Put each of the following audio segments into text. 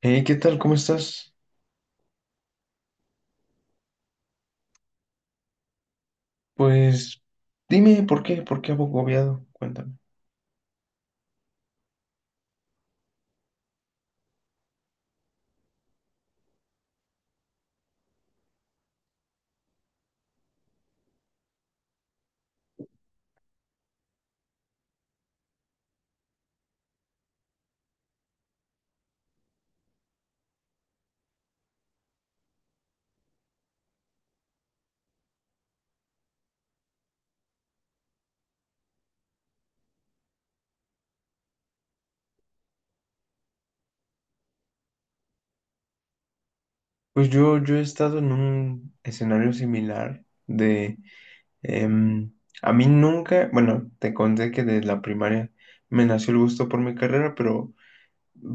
Hey, ¿qué tal? ¿Cómo estás? Pues dime, ¿por qué? ¿Por qué agobiado? Cuéntame. Pues yo he estado en un escenario similar de... em, a mí nunca, bueno, te conté que desde la primaria me nació el gusto por mi carrera, pero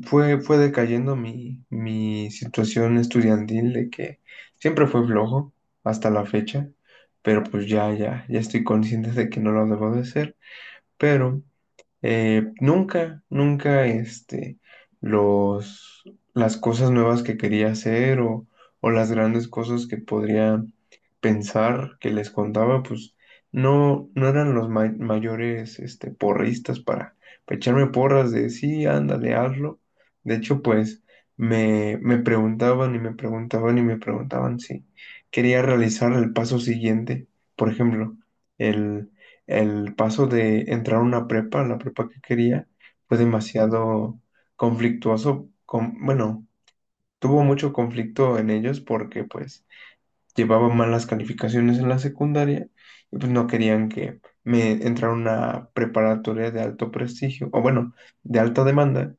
fue decayendo mi situación estudiantil de que siempre fue flojo hasta la fecha, pero pues ya estoy consciente de que no lo debo de ser, pero... nunca, nunca, este, los, las cosas nuevas que quería hacer o las grandes cosas que podría pensar que les contaba, pues no eran los mayores, porristas para echarme porras de sí, ándale, hazlo. De hecho, pues me preguntaban y me preguntaban y me preguntaban si quería realizar el paso siguiente, por ejemplo, el paso de entrar a una prepa, la prepa que quería, fue demasiado conflictuoso. Bueno, tuvo mucho conflicto en ellos porque pues llevaba malas calificaciones en la secundaria y pues no querían que me entrara a una preparatoria de alto prestigio, o bueno, de alta demanda,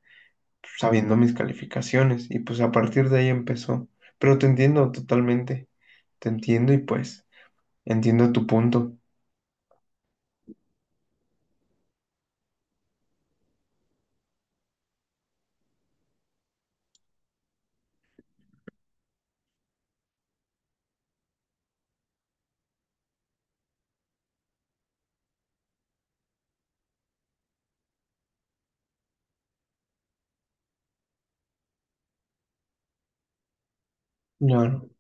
sabiendo mis calificaciones. Y pues a partir de ahí empezó. Pero te entiendo totalmente, te entiendo y pues entiendo tu punto. Claro.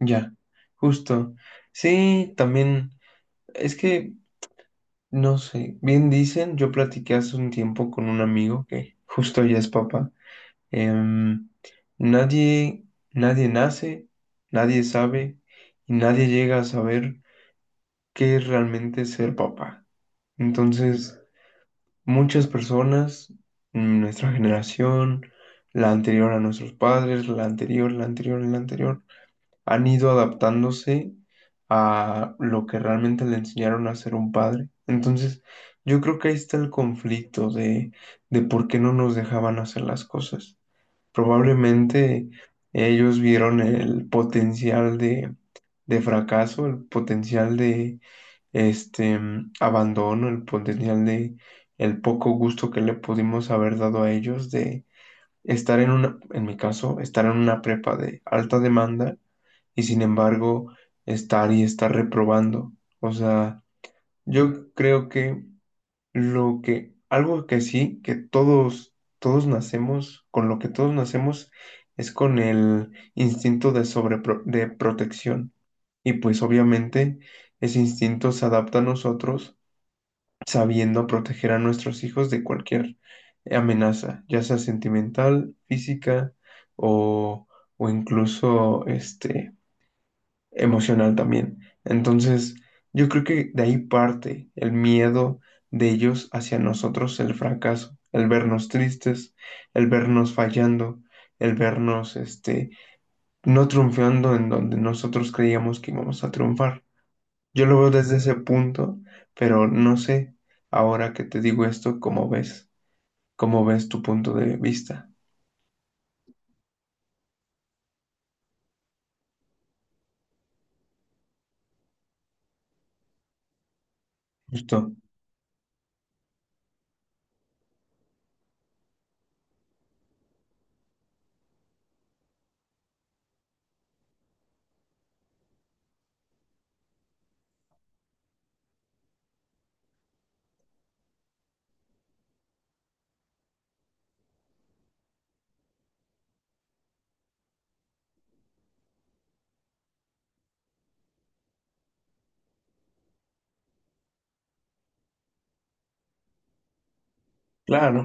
Ya, justo. Sí, también, es que, no sé, bien dicen, yo platiqué hace un tiempo con un amigo que justo ya es papá. em, nadie, nadie nace, nadie sabe y nadie llega a saber qué es realmente ser papá. Entonces, muchas personas, nuestra generación, la anterior a nuestros padres, la anterior, la anterior, la anterior han ido adaptándose a lo que realmente le enseñaron a ser un padre. Entonces, yo creo que ahí está el conflicto de por qué no nos dejaban hacer las cosas. Probablemente ellos vieron el potencial de fracaso, el potencial de este abandono, el potencial de el poco gusto que le pudimos haber dado a ellos de estar en una, en mi caso, estar en una prepa de alta demanda y sin embargo estar y estar reprobando. O sea, yo creo que lo que, algo que sí, que todos, todos nacemos, con lo que todos nacemos es con el instinto de de protección. Y pues obviamente ese instinto se adapta a nosotros sabiendo proteger a nuestros hijos de cualquier amenaza, ya sea sentimental, física o, o incluso este, emocional también. Entonces, yo creo que de ahí parte el miedo de ellos hacia nosotros, el fracaso, el vernos tristes, el vernos fallando, el vernos, este, no triunfando en donde nosotros creíamos que íbamos a triunfar. Yo lo veo desde ese punto, pero no sé, ahora que te digo esto, ¿cómo ves? ¿Cómo ves tu punto de vista? Justo. Claro,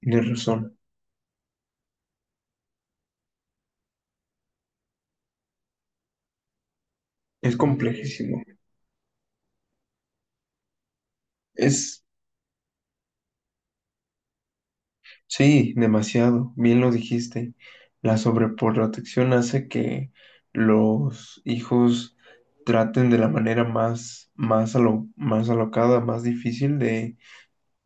tienes razón. Es complejísimo. Es sí, demasiado, bien lo dijiste. La sobreprotección hace que los hijos traten de la manera más, más, más alocada, más difícil de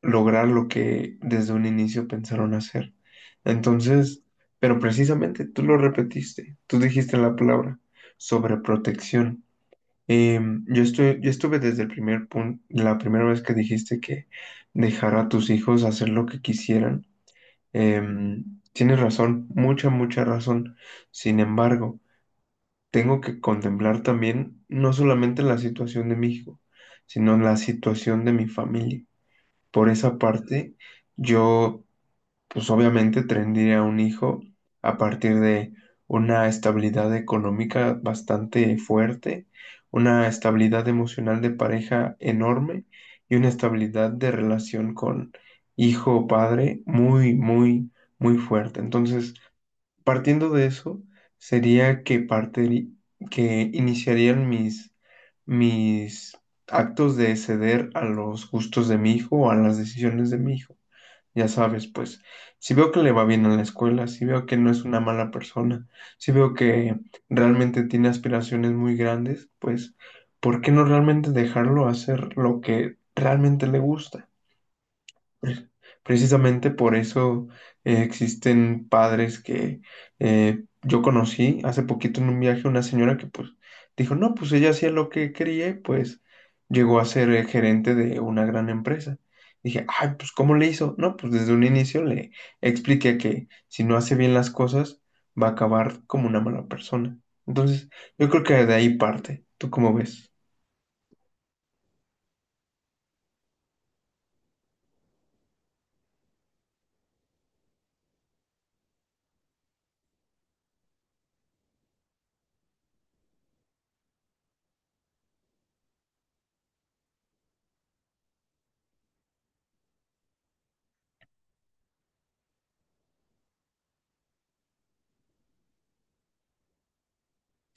lograr lo que desde un inicio pensaron hacer. Entonces, pero precisamente tú lo repetiste, tú dijiste la palabra sobreprotección. Em, yo estuve desde el primer punto, la primera vez que dijiste que dejar a tus hijos hacer lo que quisieran. Em, tienes razón, mucha razón. Sin embargo, tengo que contemplar también no solamente la situación de mi hijo, sino la situación de mi familia. Por esa parte, yo pues obviamente tendría un hijo a partir de una estabilidad económica bastante fuerte, una estabilidad emocional de pareja enorme y una estabilidad de relación con hijo o padre muy, muy, muy fuerte. Entonces, partiendo de eso, sería que que iniciarían mis actos de ceder a los gustos de mi hijo o a las decisiones de mi hijo. Ya sabes, pues, si veo que le va bien en la escuela, si veo que no es una mala persona, si veo que realmente tiene aspiraciones muy grandes, pues, ¿por qué no realmente dejarlo hacer lo que realmente le gusta? Pre- Precisamente por eso existen padres que yo conocí hace poquito en un viaje una señora que pues dijo, no, pues ella hacía lo que quería y pues llegó a ser gerente de una gran empresa. Dije, ay, pues ¿cómo le hizo? No, pues desde un inicio le expliqué que si no hace bien las cosas va a acabar como una mala persona. Entonces, yo creo que de ahí parte. ¿Tú cómo ves?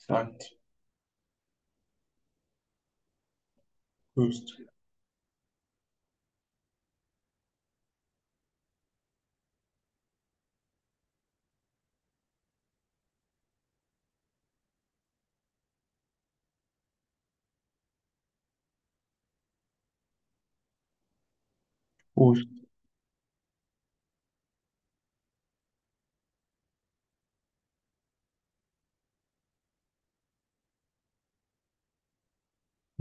Exacto, justo. Justo.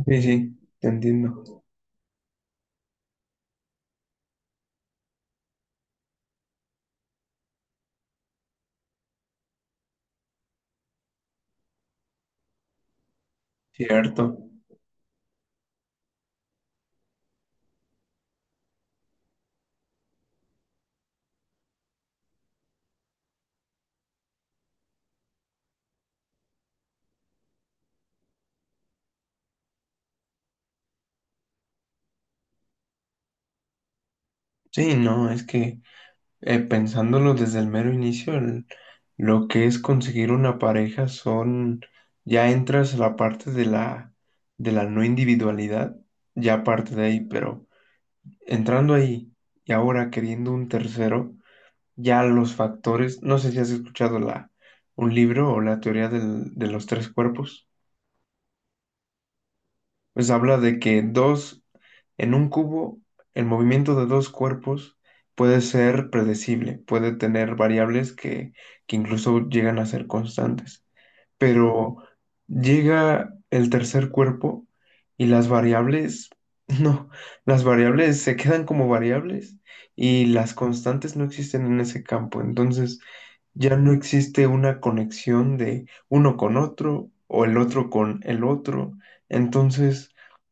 Sí, sí, te entiendo. Cierto. Sí, no, es que pensándolo desde el mero inicio, lo que es conseguir una pareja son, ya entras a la parte de la no individualidad, ya parte de ahí, pero entrando ahí y ahora queriendo un tercero, ya los factores, no sé si has escuchado la, un libro o la teoría de los tres cuerpos. Pues habla de que dos, en un cubo, el movimiento de dos cuerpos puede ser predecible, puede tener variables que incluso llegan a ser constantes, pero llega el tercer cuerpo y las variables, no, las variables se quedan como variables y las constantes no existen en ese campo, entonces ya no existe una conexión de uno con otro o el otro con el otro, entonces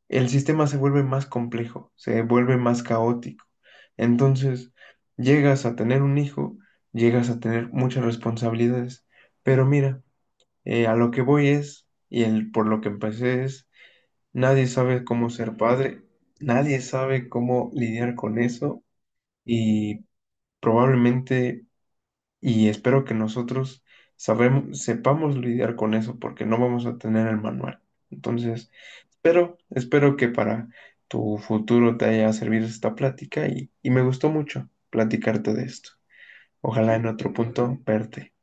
el sistema se vuelve más complejo, se vuelve más caótico, entonces llegas a tener un hijo, llegas a tener muchas responsabilidades, pero mira, a lo que voy es, y el, por lo que empecé es, nadie sabe cómo ser padre, nadie sabe cómo lidiar con eso y probablemente, y espero que nosotros sepamos lidiar con eso porque no vamos a tener el manual. Entonces, espero que para tu futuro te haya servido esta plática y me gustó mucho platicarte de esto. Ojalá en otro punto verte.